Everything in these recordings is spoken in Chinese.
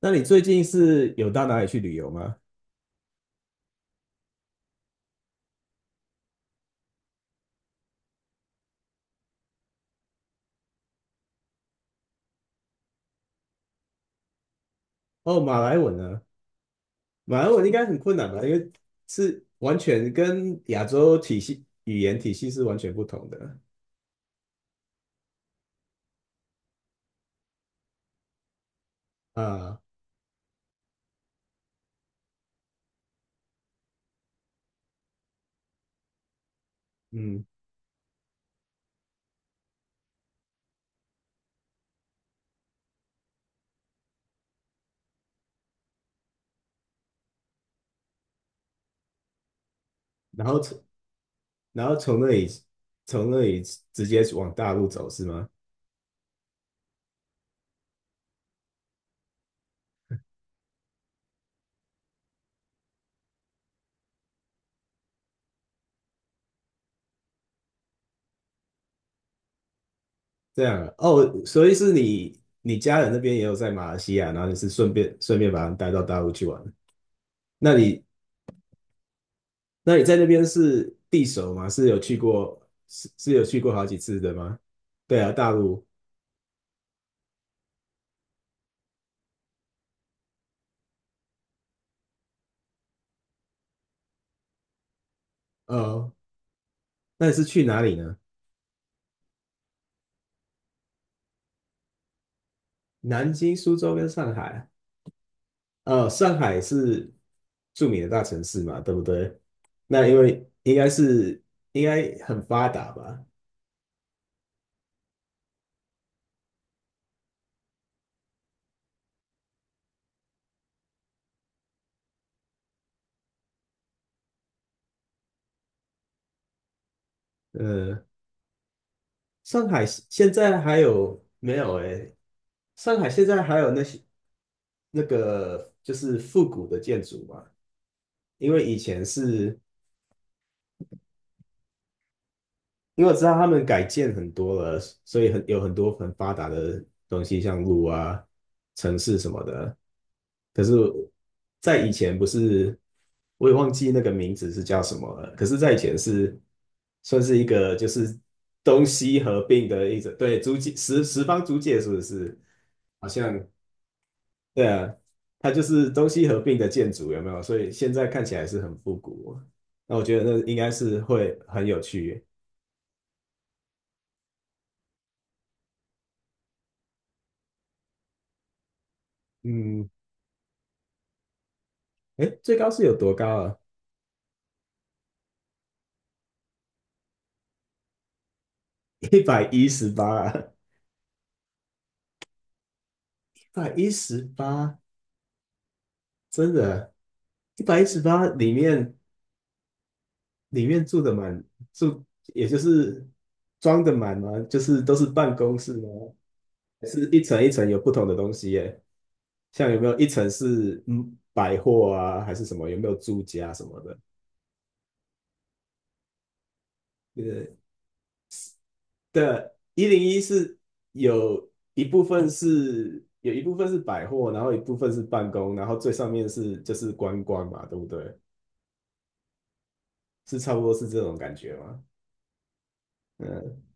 那你最近是有到哪里去旅游吗？哦，马来文呢？马来文应该很困难吧，因为是完全跟亚洲体系语言体系是完全不同的啊。嗯，然后从然后从那里直接往大陆走是吗？这样啊哦，所以是你家人那边也有在马来西亚，然后你是顺便把他们带到大陆去玩。那你那你在那边是地熟吗？是有去过是是有去过好几次的吗？对啊，大陆。呃，那你是去哪里呢？南京、苏州跟上海。上海是著名的大城市嘛，对不对？那因为应该是应该很发达吧？呃，上海现在还有没有？哎，上海现在还有那些那个就是复古的建筑嘛？因为以前是，因为我知道他们改建很多了，所以很有很多很发达的东西，像路啊、城市什么的。可是，在以前不是，我也忘记那个名字是叫什么了。可是，在以前是算是一个就是东西合并的一种，对，租界十十方租界是不是？好像对啊，它就是东西合并的建筑，有没有？所以现在看起来是很复古。那我觉得那应该是会很有趣。嗯，哎，最高是有多高啊？一百一十八啊，一百一十八，真的，一百一十八里面里面住的满住，也就是装的满吗？就是都是办公室吗？还是一层一层有不同的东西耶？像有没有一层是百货啊，还是什么？有没有住家什么的？的一零一是有一部分是百货，然后一部分是办公，然后最上面是就是观光嘛，对不对？是差不多是这种感觉吗？嗯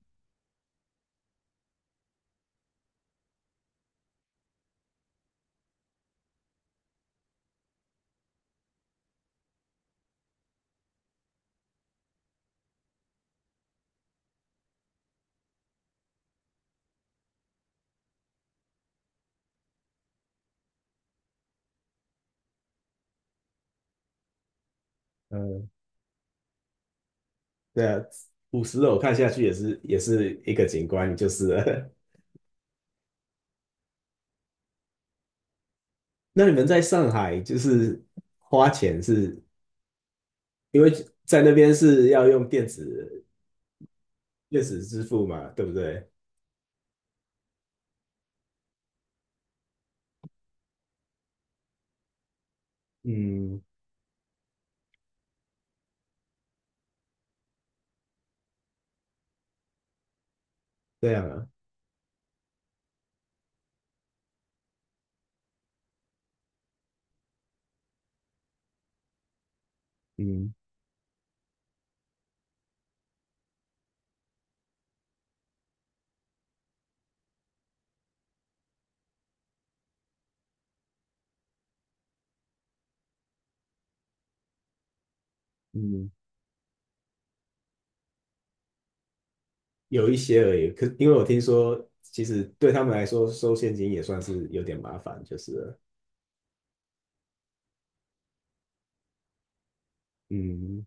嗯，对啊，五十楼看下去也是一个景观，就是了。 那你们在上海就是花钱是因为在那边是要用电子支付嘛，对不对？嗯，这样啊，嗯嗯。有一些而已。可因为我听说，其实对他们来说收现金也算是有点麻烦，就是了。嗯，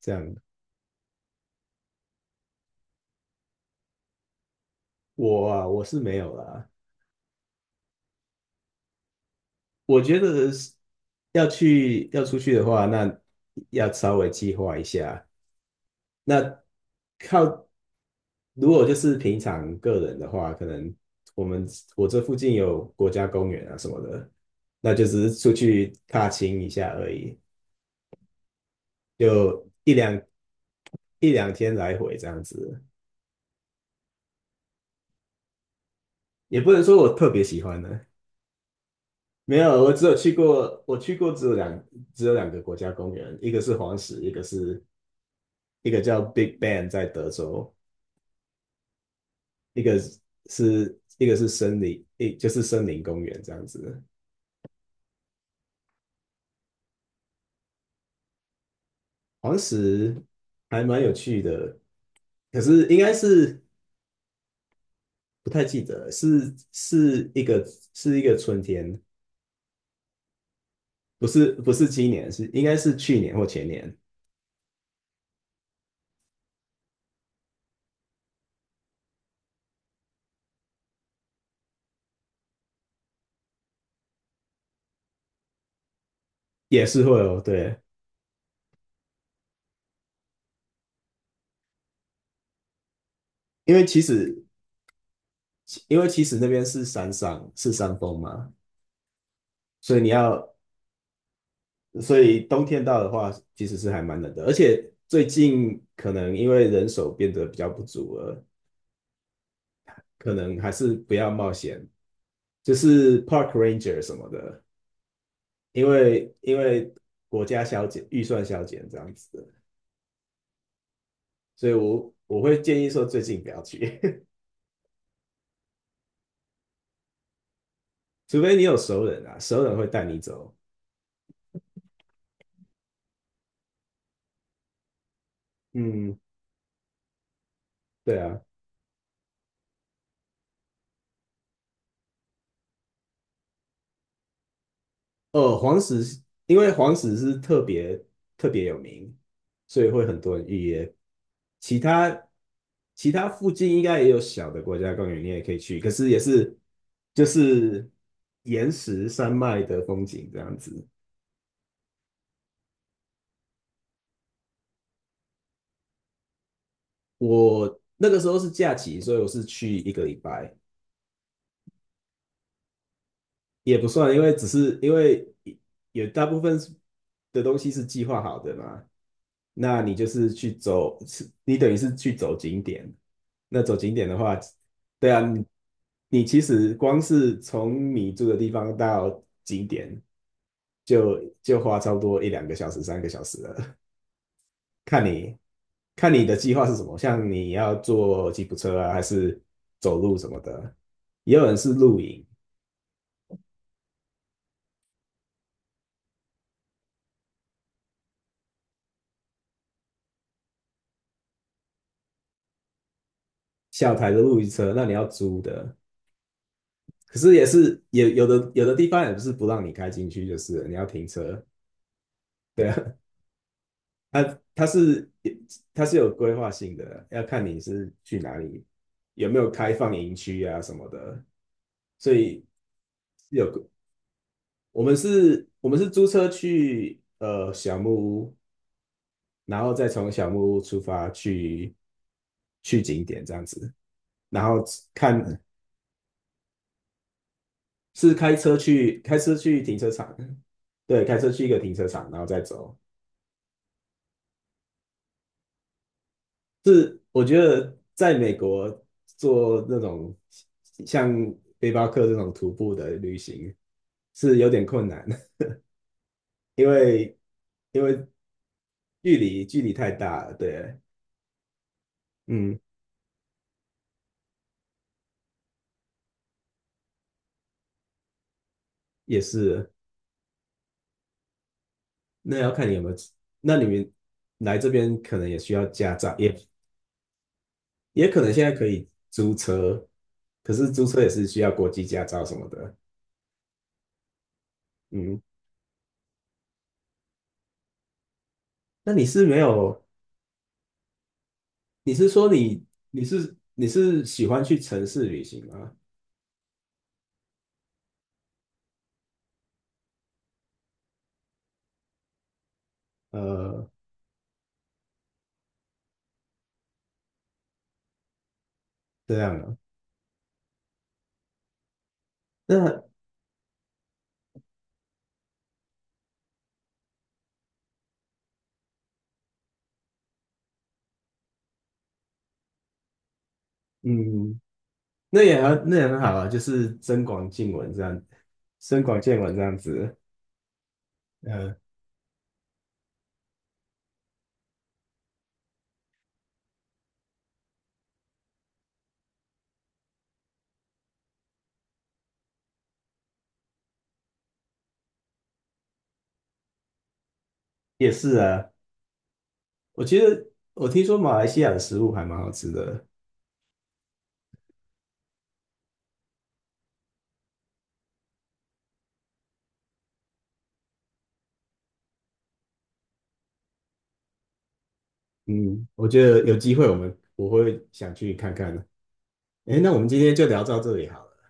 这样。我啊，我是没有啦。我觉得是要去要出去的话，那要稍微计划一下。那靠，如果就是平常个人的话，可能我们我这附近有国家公园啊什么的，那就只是出去踏青一下而已，就一两天来回这样子。也不能说我特别喜欢的，没有，我只有去过，我去过只有两只有两个国家公园，一个是黄石，一个叫 Big Bend 在德州，一个是一个是森林，一就是森林公园这样子。黄石还蛮有趣的，可是应该是，不太记得，是一个是一个春天，不是，不是今年，是应该是去年或前年，也是会哦，对，因为其实因为其实那边是山上是山峰嘛，所以你要所以冬天到的话，其实是还蛮冷的，而且最近可能因为人手变得比较不足了，可能还是不要冒险，就是 park ranger 什么的，因为国家削减预算削减这样子，所以我会建议说最近不要去。除非你有熟人啊，熟人会带你走。嗯，对啊。哦，黄石，因为黄石是特别有名，所以会很多人预约。其他其他附近应该也有小的国家公园，你也可以去，可是也是就是岩石山脉的风景这样子。我那个时候是假期，所以我是去一个礼拜，也不算，因为只是因为有大部分是的东西是计划好的嘛，那你就是去走，是你等于是去走景点。那走景点的话，对啊，你你其实光是从你住的地方到景点就花差不多一两个小时、三个小时了，看你看你的计划是什么，像你要坐吉普车啊，还是走路什么的，也有人是露营。小台的露营车，那你要租的，可是也是也有的有的地方也不是不让你开进去，就是了你要停车，它它是它是有规划性的，要看你是去哪里，有没有开放营区啊什么的，所以有我们是租车去小木屋，然后再从小木屋出发去去景点这样子，然后看是开车去，开车去停车场，对，开车去一个停车场，然后再走。是我觉得在美国做那种像背包客这种徒步的旅行是有点困难。因为因为距离太大了。对，嗯，也是。那要看你有没有，那你们来这边可能也需要驾照，也也可能现在可以租车，可是租车也是需要国际驾照什么的。嗯，那你是没有，你是说你，你是喜欢去城市旅行吗？呃，这样啊，那嗯，那也很好啊，就是增广见闻这样，增广见闻这样子。呃，也是啊，我觉得我听说马来西亚的食物还蛮好吃的。嗯，我觉得有机会我们我会想去看看的。诶，那我们今天就聊到这里好了。